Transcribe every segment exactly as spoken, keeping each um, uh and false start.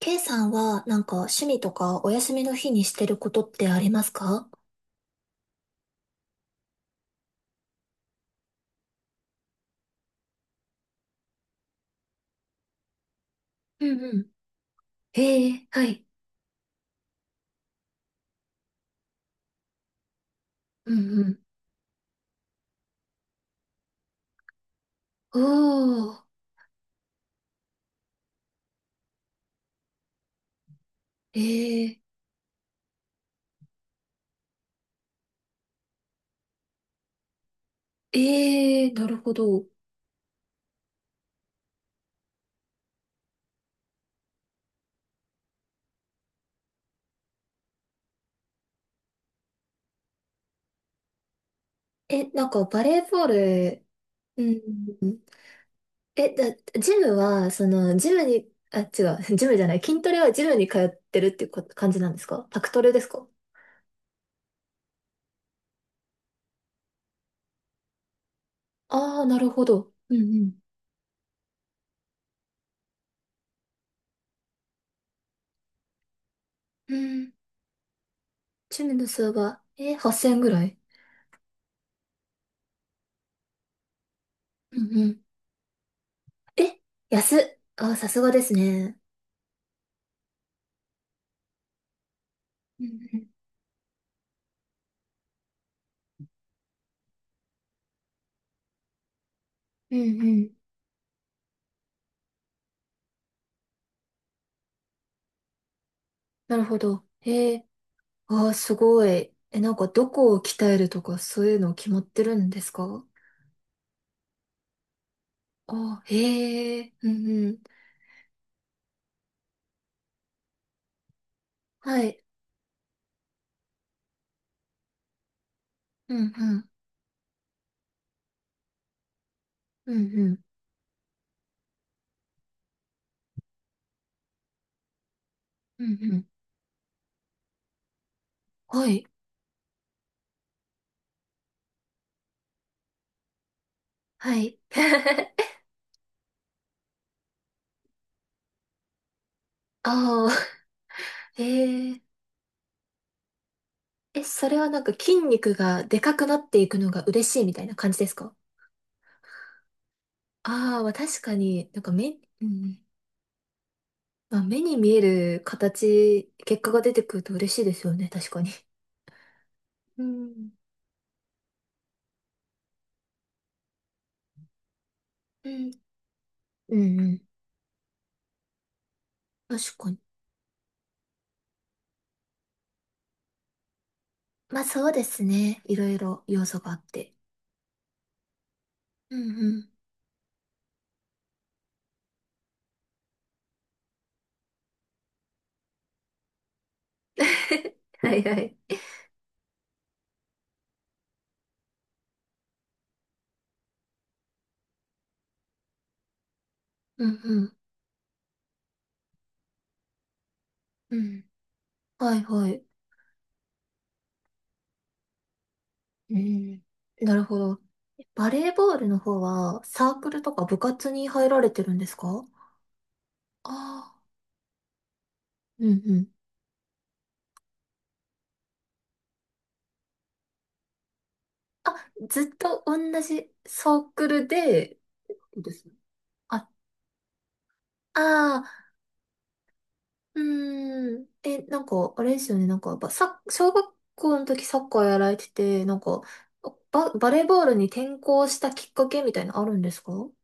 K さんは、なんか、趣味とか、お休みの日にしてることってありますか？うんうん。ええ、はい。うんうん。おー、ええ、ええ、なるほど。え、なんか、バレーボール。うん。え、だ、ジムは、その、ジムに、あ、違う、ジムじゃない、筋トレはジムに通ってるっていうこ感じなんですか？パクトレですか？ああー、なるほど。うんうん。うん。ジムの数は、えー、はっせんぐらい。うんうん。え、安っ。あー、さすがですね。うんうん。うんうん。なるほど。へえ。ああ、すごい。え、なんかどこを鍛えるとかそういうの決まってるんですか？ああ、へえ。うんうん。はい。うんうん。うんうん。うんうん。はい。はい。ああ、へえ。え、それはなんか筋肉がでかくなっていくのが嬉しいみたいな感じですか？ああ、まあ確かになんか目、うん。まあ目に見える形、結果が出てくると嬉しいですよね、確かに。うん。うんうんうん。確かに。まあそうですね。いろいろ要素があって。うんうん。はいはい。うんうん。うん。はいはい。うん。なるほど。バレーボールの方はサークルとか部活に入られてるんですか？ああー。うんうん。あ、ずっと同じサークルで、ですね。あ、ああ、うーん。え、なんか、あれですよね。なんか、ば、さ、小学校の時サッカーやられてて、なんか、バ、バレーボールに転向したきっかけみたいなのあるんですか？う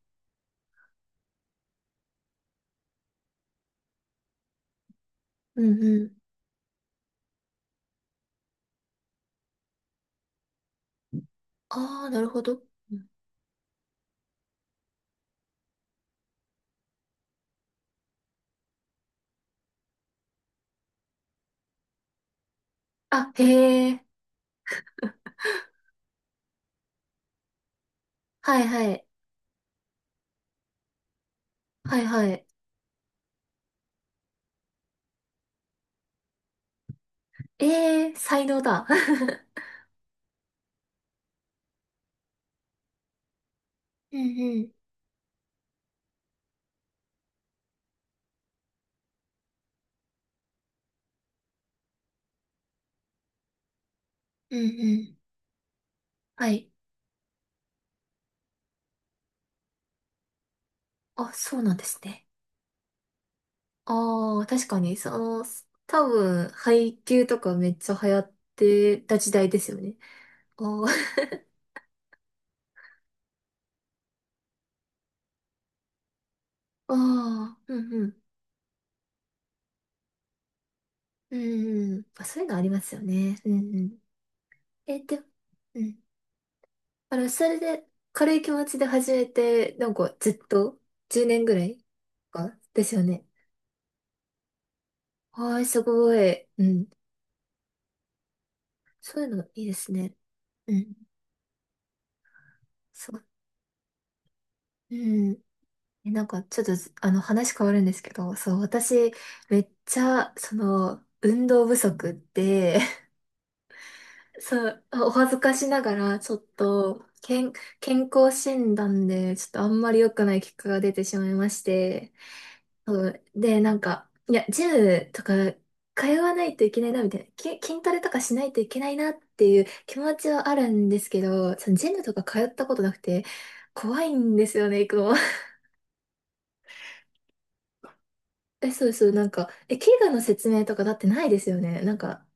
んうん。ああ、なるほど。あ、へえ。はいはい。はいはい。ええ、才能だ。うんうん。うんうん。はい。あ、そうなんですね。ああ、確かに、その、多分、配給とかめっちゃ流行ってた時代ですよね。あー あー、うんうん。うんうん。まあ、そういうのありますよね。うんうん。え、で、うん。あの、それで、軽い気持ちで始めて、なんかずっと、じゅうねんぐらいかですよね。はい、すごい。うん。そういうのいいですね。うん。そう。うん。え、なんか、ちょっとあの、話変わるんですけど、そう、私、めっちゃ、その、運動不足で、そう、お恥ずかしながら、ちょっと、健、健康診断で、ちょっとあんまり良くない結果が出てしまいまして、そうで、なんか、いや、ジムとか通わないといけないな、みたいな、き筋トレとかしないといけないなっていう気持ちはあるんですけど、そのジムとか通ったことなくて、怖いんですよね、行くの。え、そうそう、なんか、え、怪我の説明とかだってないですよね。なんか、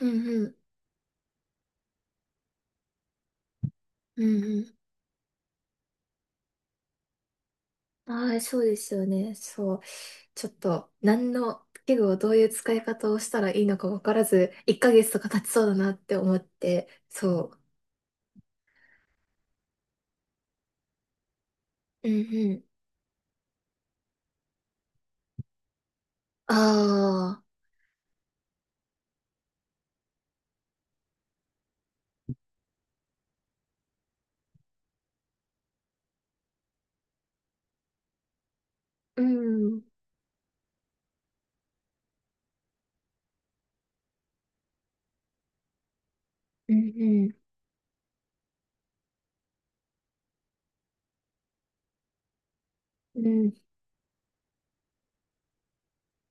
うんうん、うんうん。ああ、そうですよね。そう。ちょっと、何の器具をどういう使い方をしたらいいのか分からず、いっかげつとか経ちそうだなって思って、そう。うんうん。ああ、うん、うんうん、うん。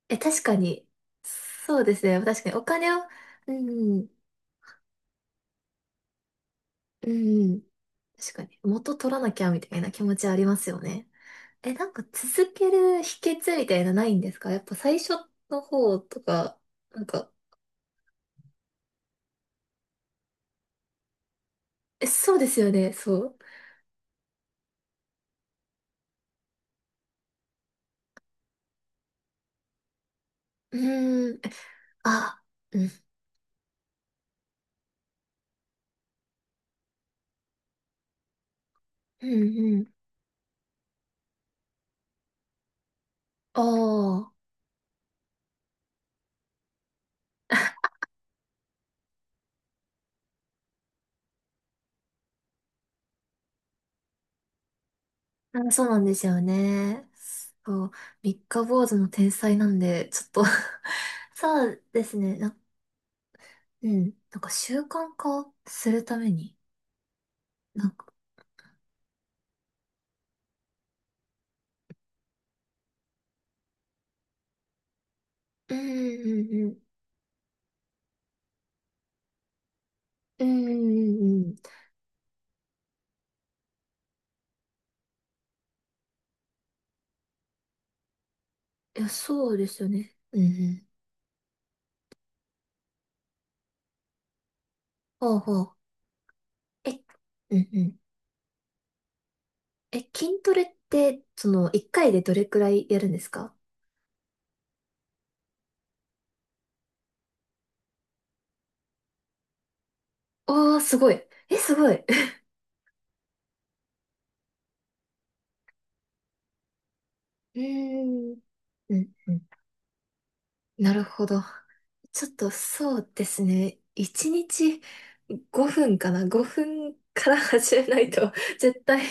え、確かに、そうですね。確かに、お金を、うん、うん、確かに、元取らなきゃみたいな気持ちありますよね。え、なんか続ける秘訣みたいなないんですか？やっぱ最初の方とか、なんか、え、そうですよね、そう。うーん。あ、うん、うん、うん。おー。あ、そうなんですよね。そう。三日坊主の天才なんで、ちょっと そうですね。な、うん。なんか習慣化するために、なんか、うんうんうん。うんうんうん。いや、そうですよね。うんうん。ほうほう。え、うんうん。え、筋トレって、その、一回でどれくらいやるんですか？ああー、すごい。え、すごい。うーん。うんうん。なるほど。ちょっとそうですね。いちにちごふんかな。ごふんから始めないと 絶対。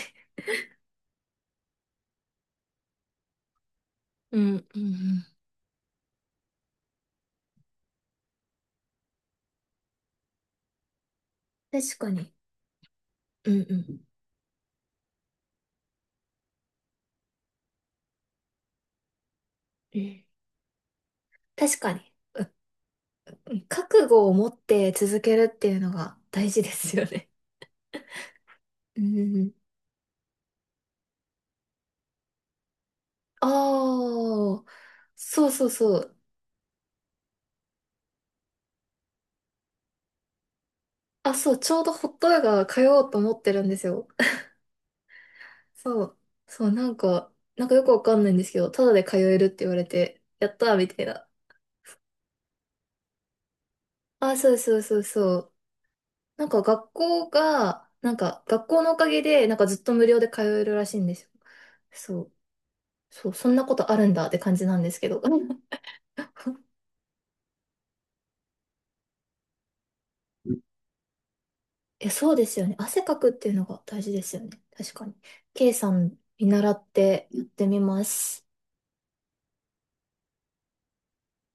うん、うん、うん。確かに。うん、うん。え確かに。覚悟を持って続けるっていうのが大事ですよね。うん。ああ、そうそうそう。あ、そう、ちょうどホットヨガ通おうと思ってるんですよ。そう、そう、なんか、なんかよくわかんないんですけど、ただで通えるって言われて、やったーみたいな。あ、そうそうそうそう。なんか学校が、なんか学校のおかげで、なんかずっと無料で通えるらしいんですよ。そう、そう、そんなことあるんだって感じなんですけど。え、そうですよね。汗かくっていうのが大事ですよね。確かに。K さん見習ってやってみます。